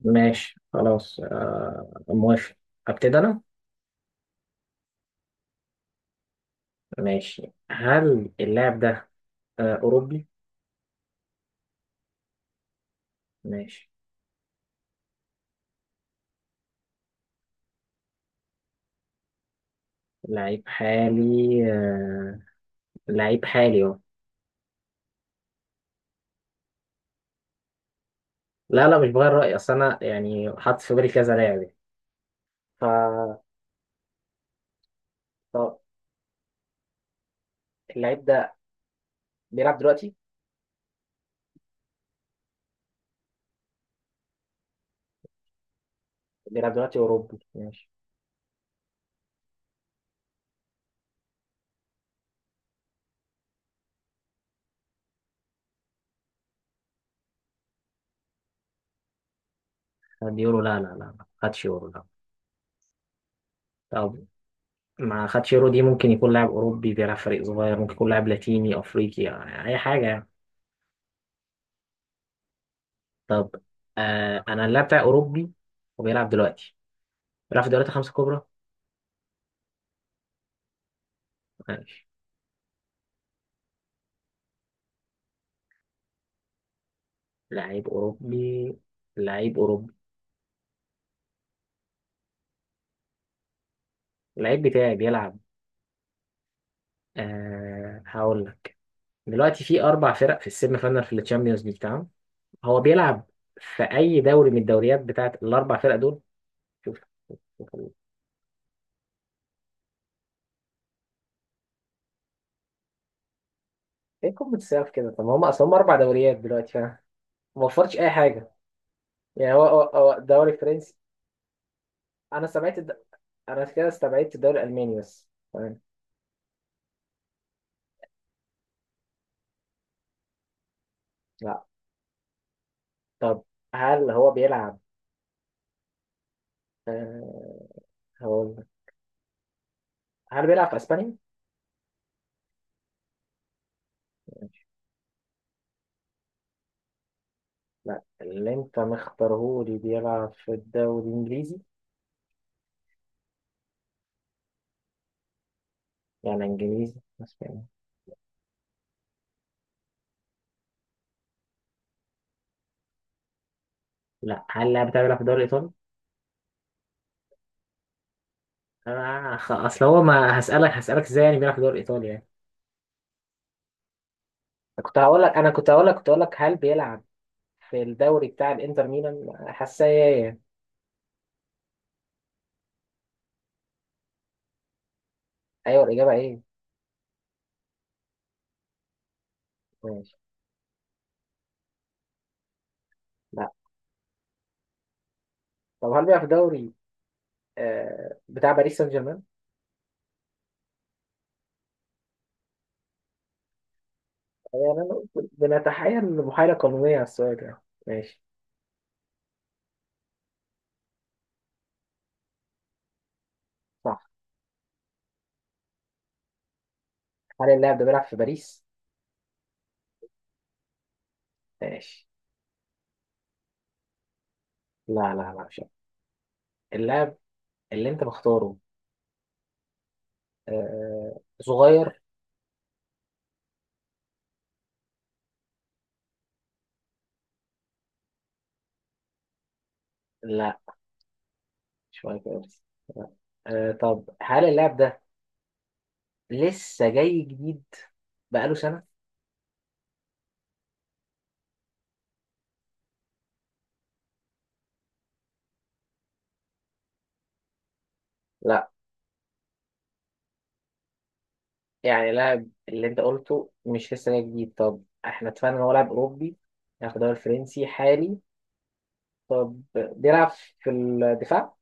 ماشي خلاص، آه موافق. ابتدي انا. ماشي، هل اللاعب ده اوروبي؟ ماشي. لعيب حالي، آه، لعيب حالي اهو. لا، لا، مش بغير رأيي، اصل انا يعني حاطط في بالي كذا لاعب يعني. ف طب، اللعيب ده بيلعب دلوقتي، بيلعب دلوقتي اوروبي؟ ماشي. خد يورو؟ لا لا لا، ما خدش يورو، لا. طب، ما خدش يورو، دي ممكن يكون لاعب اوروبي بيلعب فريق صغير، ممكن يكون لاعب لاتيني افريقي، يعني اي حاجة يعني. طب، انا اللاعب بتاعي اوروبي وبيلعب دلوقتي، بيلعب في الدوريات الخمسة الكبرى. ماشي، لعيب اوروبي، لعيب اوروبي. اللعيب بتاعي بيلعب، هقول لك، دلوقتي في اربع فرق في السيمي فاينال في الشامبيونز ليج، تمام؟ هو بيلعب في اي دوري من الدوريات بتاعت الاربع فرق دول؟ شوف، شوف. ايه؟ قمة السقف كده. طب ما هم اصلا هم اربع دوريات دلوقتي، فاهم؟ ما وفرتش اي حاجة. يعني هو الدوري الفرنسي. انا سمعت الد... انا كده استبعدت الدوري الالماني بس، تمام. طب هل هو بيلعب، آه هقول لك. هل بيلعب في اسبانيا؟ لا، اللي انت مختارهولي بيلعب في الدوري الانجليزي؟ يعني انجليزي اسباني؟ لا، هل اللاعب بتاعي بيلعب في الدوري الايطالي؟ اصل هو ما هسألك ازاي يعني بيلعب في الدوري الايطالي يعني. كنت هقول لك هل بيلعب في الدوري بتاع الانتر ميلان، حساسية. ايوه، الاجابة ايه؟ ماشي. لا، طب هل بيلعب في الدوري بتاع باريس سان جيرمان؟ يعني انا بنتحايل محايلة قانونية على السؤال، يعني ماشي. صح. هل اللاعب ده بيلعب في باريس؟ ماشي. لا لا لا، مش عارف. اللاعب اللي انت مختاره صغير؟ لا، مش مايكل أوين. آه، طب هل اللاعب ده لسه جاي جديد؟ بقاله سنة؟ لا، يعني اللاعب اللي انت قلته مش لسه جاي جديد. طب احنا اتفقنا ان هو لاعب اوروبي، لاعب في الدوري الفرنسي، حالي. طب بيلعب في الدفاع؟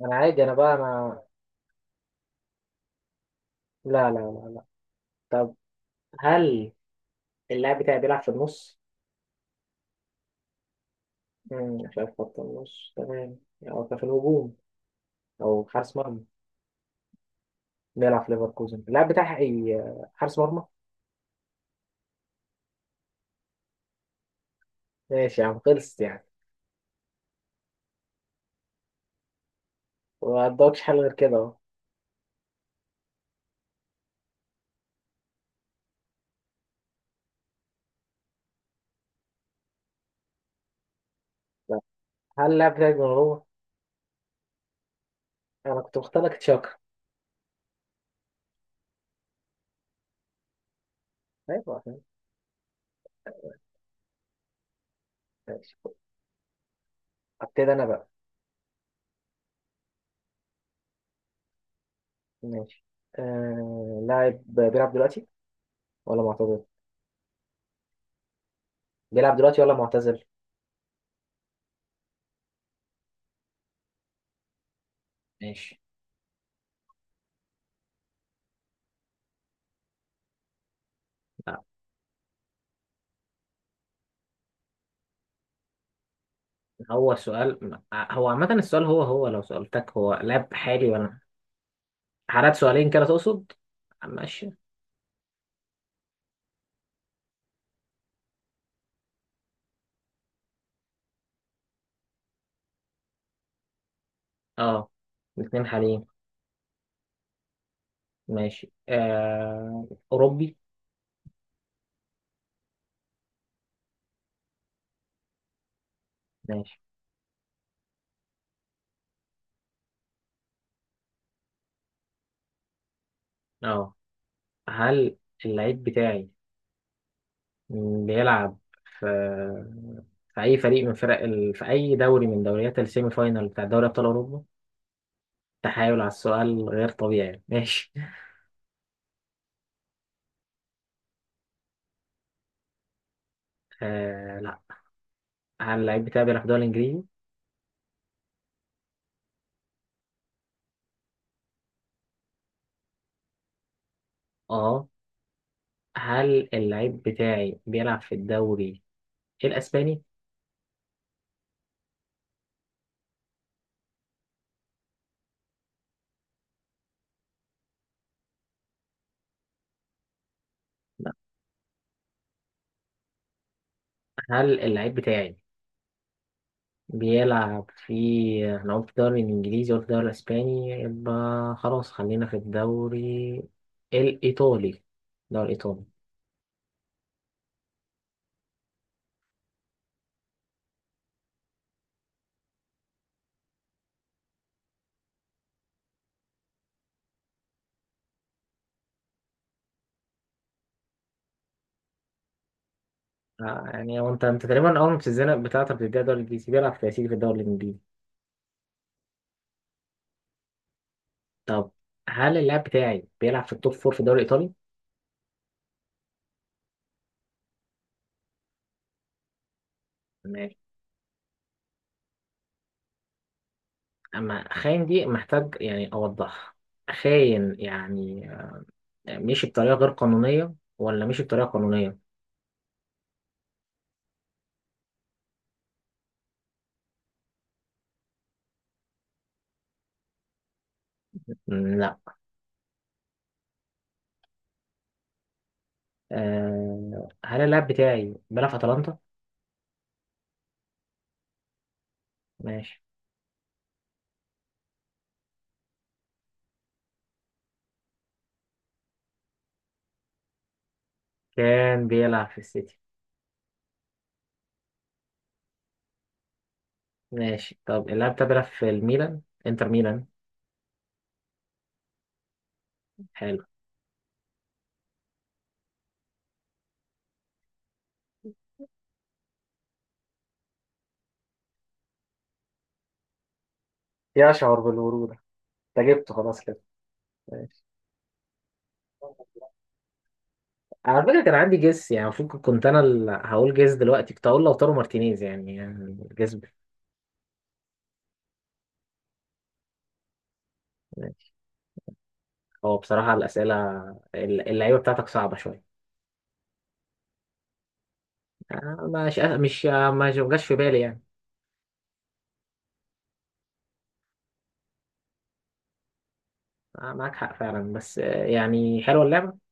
انا عادي، انا بقى انا. لا لا لا لا. طب هل اللاعب بتاعي بيلعب في النص؟ مم، مش عارف خط النص، تمام، أو في الهجوم، أو حارس مرمى. نلعب في ليفركوزن، اللاعب بتاعها إيه؟ حارس مرمى. ماشي يا عم، خلصت يعني. ما قدامكش حل غير كده أهو. لا. هل اللاعب بتاعك دوناروما؟ أنا كنت مختار لك تشاكا. أيوة، ماشي. أبتدي أنا بقى. ماشي، لاعب بيلعب دلوقتي ولا معتزل؟ بيلعب دلوقتي ولا معتزل؟ ماشي. لا. هو سؤال، هو عامة السؤال، هو لو سألتك هو لاعب حالي ولا حالات سؤالين كده تقصد؟ ماشي. اه، الاثنين حاليين. ماشي، أوروبي؟ ماشي. اه، هل اللعيب بتاعي بيلعب في أي فريق من فرق في أي دوري من دوريات السيمي فاينال بتاع دوري أبطال أوروبا؟ تحايل على السؤال غير طبيعي. ماشي. آه، لا. هل اللعيب بتاعي بيلعب في الدوري الإنجليزي؟ اه، هل اللعيب بتاعي بيلعب في الدوري الإسباني؟ لا، هل اللعيب بتاعي بيلعب في؟ احنا قلت الدوري الإنجليزي، قلت الدوري الأسباني، يبقى خلاص، خلينا في الدوري الإيطالي. الدوري الإيطالي. آه، يعني هو أنت تقريبا أول ما بتتزنق بتاعتك بتديها الدوري الإنجليزي، بيلعب في تأثير في الدوري الإنجليزي. طب هل اللاعب بتاعي بيلعب في التوب فور في الدوري الإيطالي؟ ماشي. أما خاين دي محتاج يعني أوضحها. خاين يعني، مشي بطريقة غير قانونية ولا مشي بطريقة قانونية؟ م، لا. هل اللاعب بتاعي بيلعب في أتلانتا؟ ماشي. كان بيلعب في السيتي. ماشي، طب اللاعب ده بيلعب في الميلان؟ انتر ميلان. حلو. يشعر بالبرودة؟ انت جبته خلاص كده. ماشي. على فكرة كان عندي جيس، يعني المفروض كنت انا اللي هقول جيس دلوقتي، كنت هقول لوتارو مارتينيز، يعني جيس ماشي. هو بصراحة الأسئلة اللعيبة بتاعتك صعبة شوية. مش ما جاش في بالي يعني. معاك حق فعلا، بس يعني حلوة اللعبة.